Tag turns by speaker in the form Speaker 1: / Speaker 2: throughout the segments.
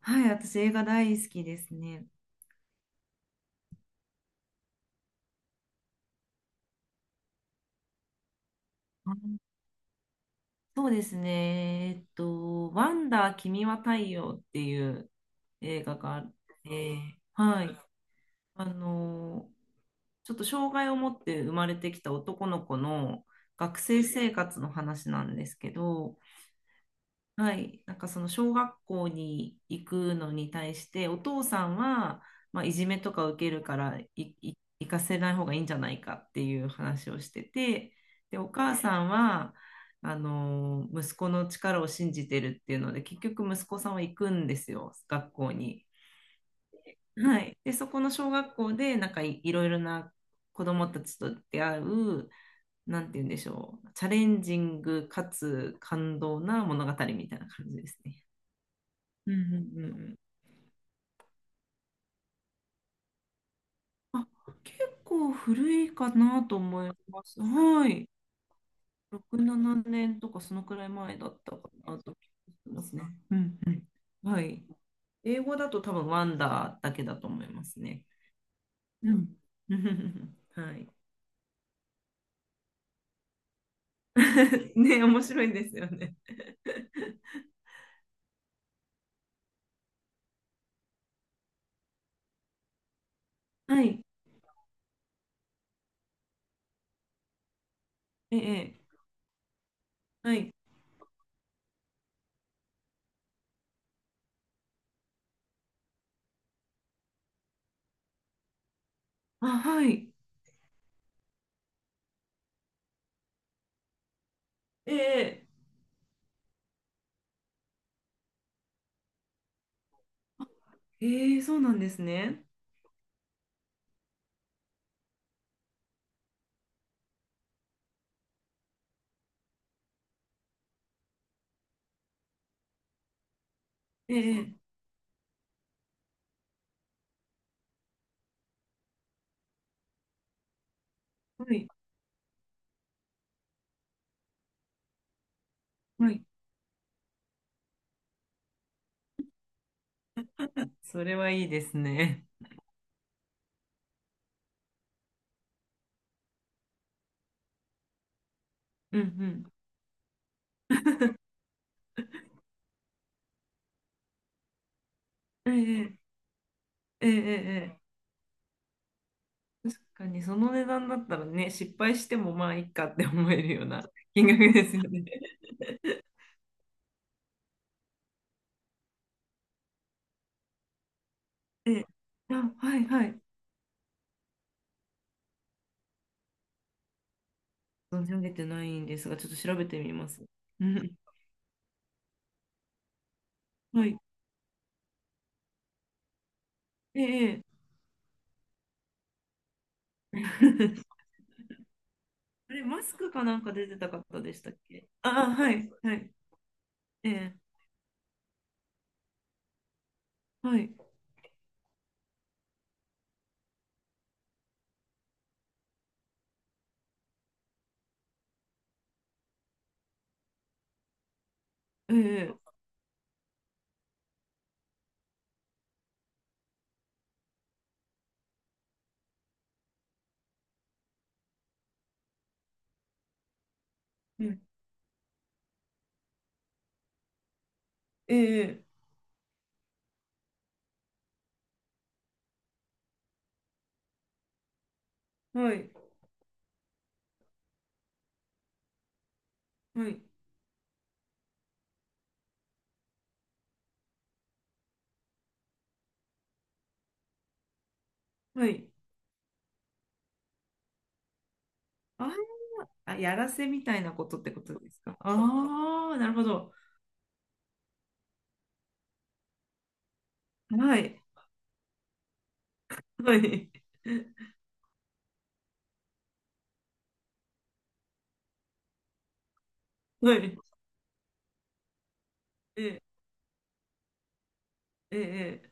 Speaker 1: はい、私映画大好きですね。あ、そうですね。ワンダー君は太陽っていう映画があって、はい。あの、ちょっと障害を持って生まれてきた男の子の学生生活の話なんですけど、はい、なんかその小学校に行くのに対してお父さんは、まあ、いじめとか受けるから行かせない方がいいんじゃないかっていう話をしてて、でお母さんは息子の力を信じてるっていうので結局息子さんは行くんですよ、学校に。はい、でそこの小学校でなんかいろいろな子どもたちと出会う、なんて言うんでしょう、チャレンジングかつ感動な物語みたいな感じですね。うんうんうんうん、あ、結構古いかなと思います。はい。6、7年とかそのくらい前だったかなと思いますね。うんうん。はい。英語だと多分ワンダーだけだと思いますね。うん。 はい。ね、面白いんですよね。はい。ええ。はい。あ、はい。ええ。ええ、そうなんですね。ええ。はい。はい。それはいいですね。うんうん。ええ。ええ。ええ。確かにその値段だったらね、失敗してもまあいいかって思えるような 金額ですよね。え、あ、はいはい。存じ上げてないんですが、ちょっと調べてみます。うん、はい。ええ。ええ。 あれ、マスクかなんか出てた方でしたっけ。ああ、はい、はい。ええ、はい。ええ、うん、ええ、はい、はい、はい。ああ、やらせみたいなことってことですか。ああー、なるほど。はい、はい、はい。ええ、ええ、え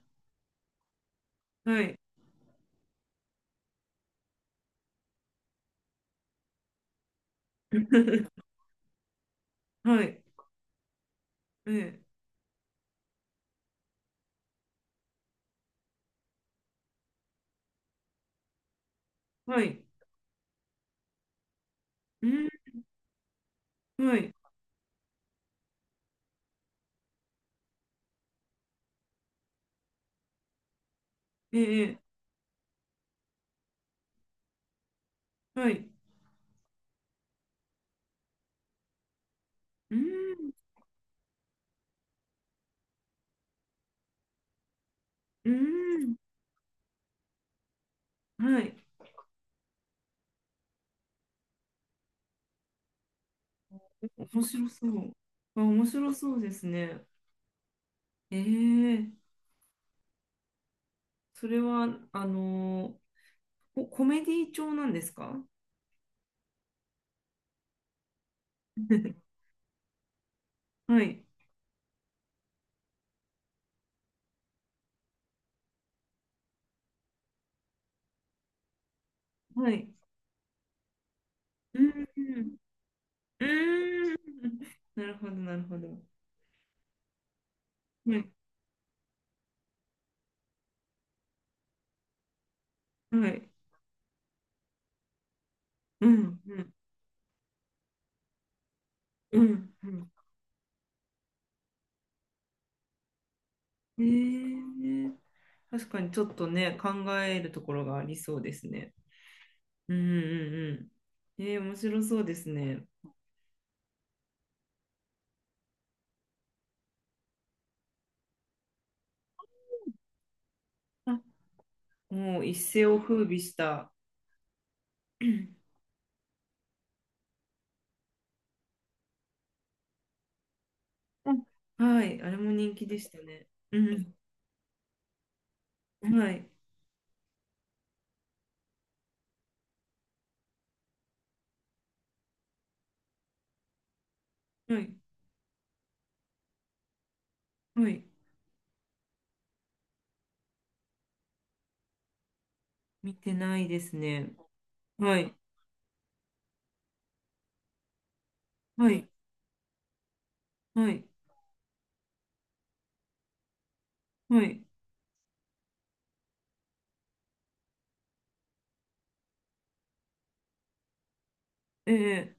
Speaker 1: え、はい。はい。ええ、はい。うん、はい。ええ、はい。うん、うん、はい。面白そう。あ、面白そうですね。ええ、それは、あのこコメディ調なんですか？ はい。はい。うん。うん、なるほど、なるほど。はい。はい。うん、うん、うん、うん。えー、確かにちょっとね、考えるところがありそうですね。うんうんうん。えー、面白そうですね。あ、もう一世を風靡した。うん、はい、あれも人気でしたね。うん、はい、はい、はい。見てないですね。はい、はい、はい、はい。ええ、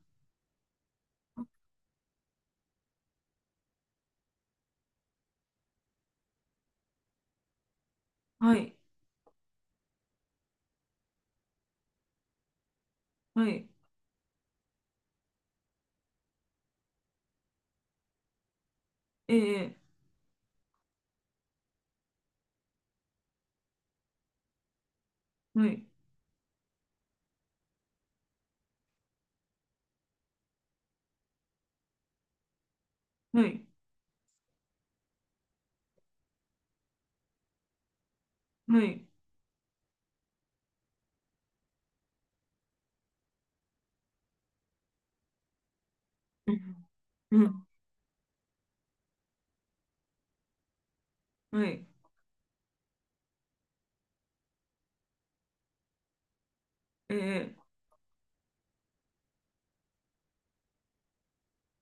Speaker 1: はい、はい、ええ、はい、はい、はい。うん、うん、はい、ええ、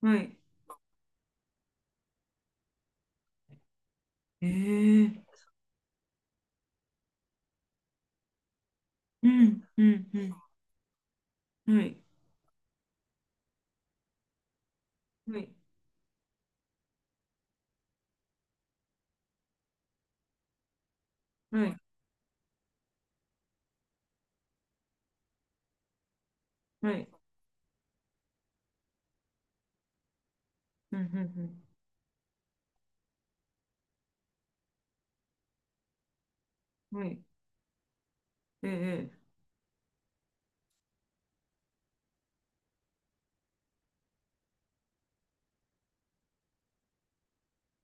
Speaker 1: はい。ええ、うん、うん、うん。はい、はい、はい、はい、うん、うん、うん。はい、ええ、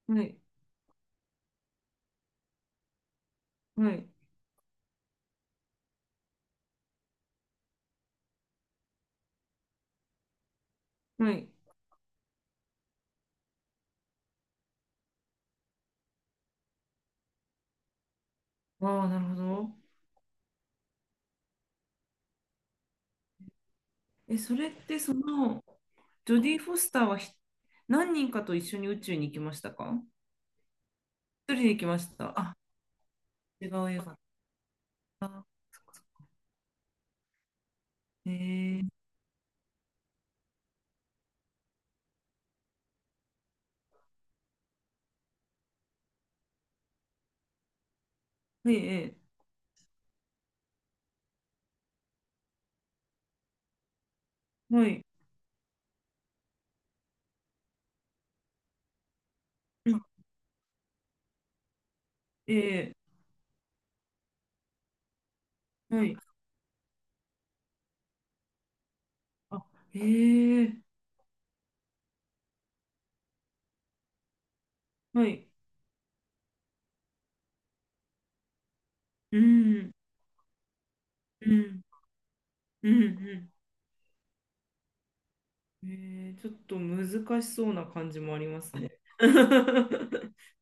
Speaker 1: はい、はい、はい。ああ、なるほど。え、それってその、ジョディ・フォスターは何人かと一緒に宇宙に行きましたか？一人で行きました。あ、違う映画。あ、そっかそっか。えー、はい、えー、はい、うん、えー、はい、あ、えー、はい、うん、うん、うん、うん、えー、ちょっと難しそうな感じもありますね。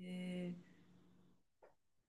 Speaker 1: えー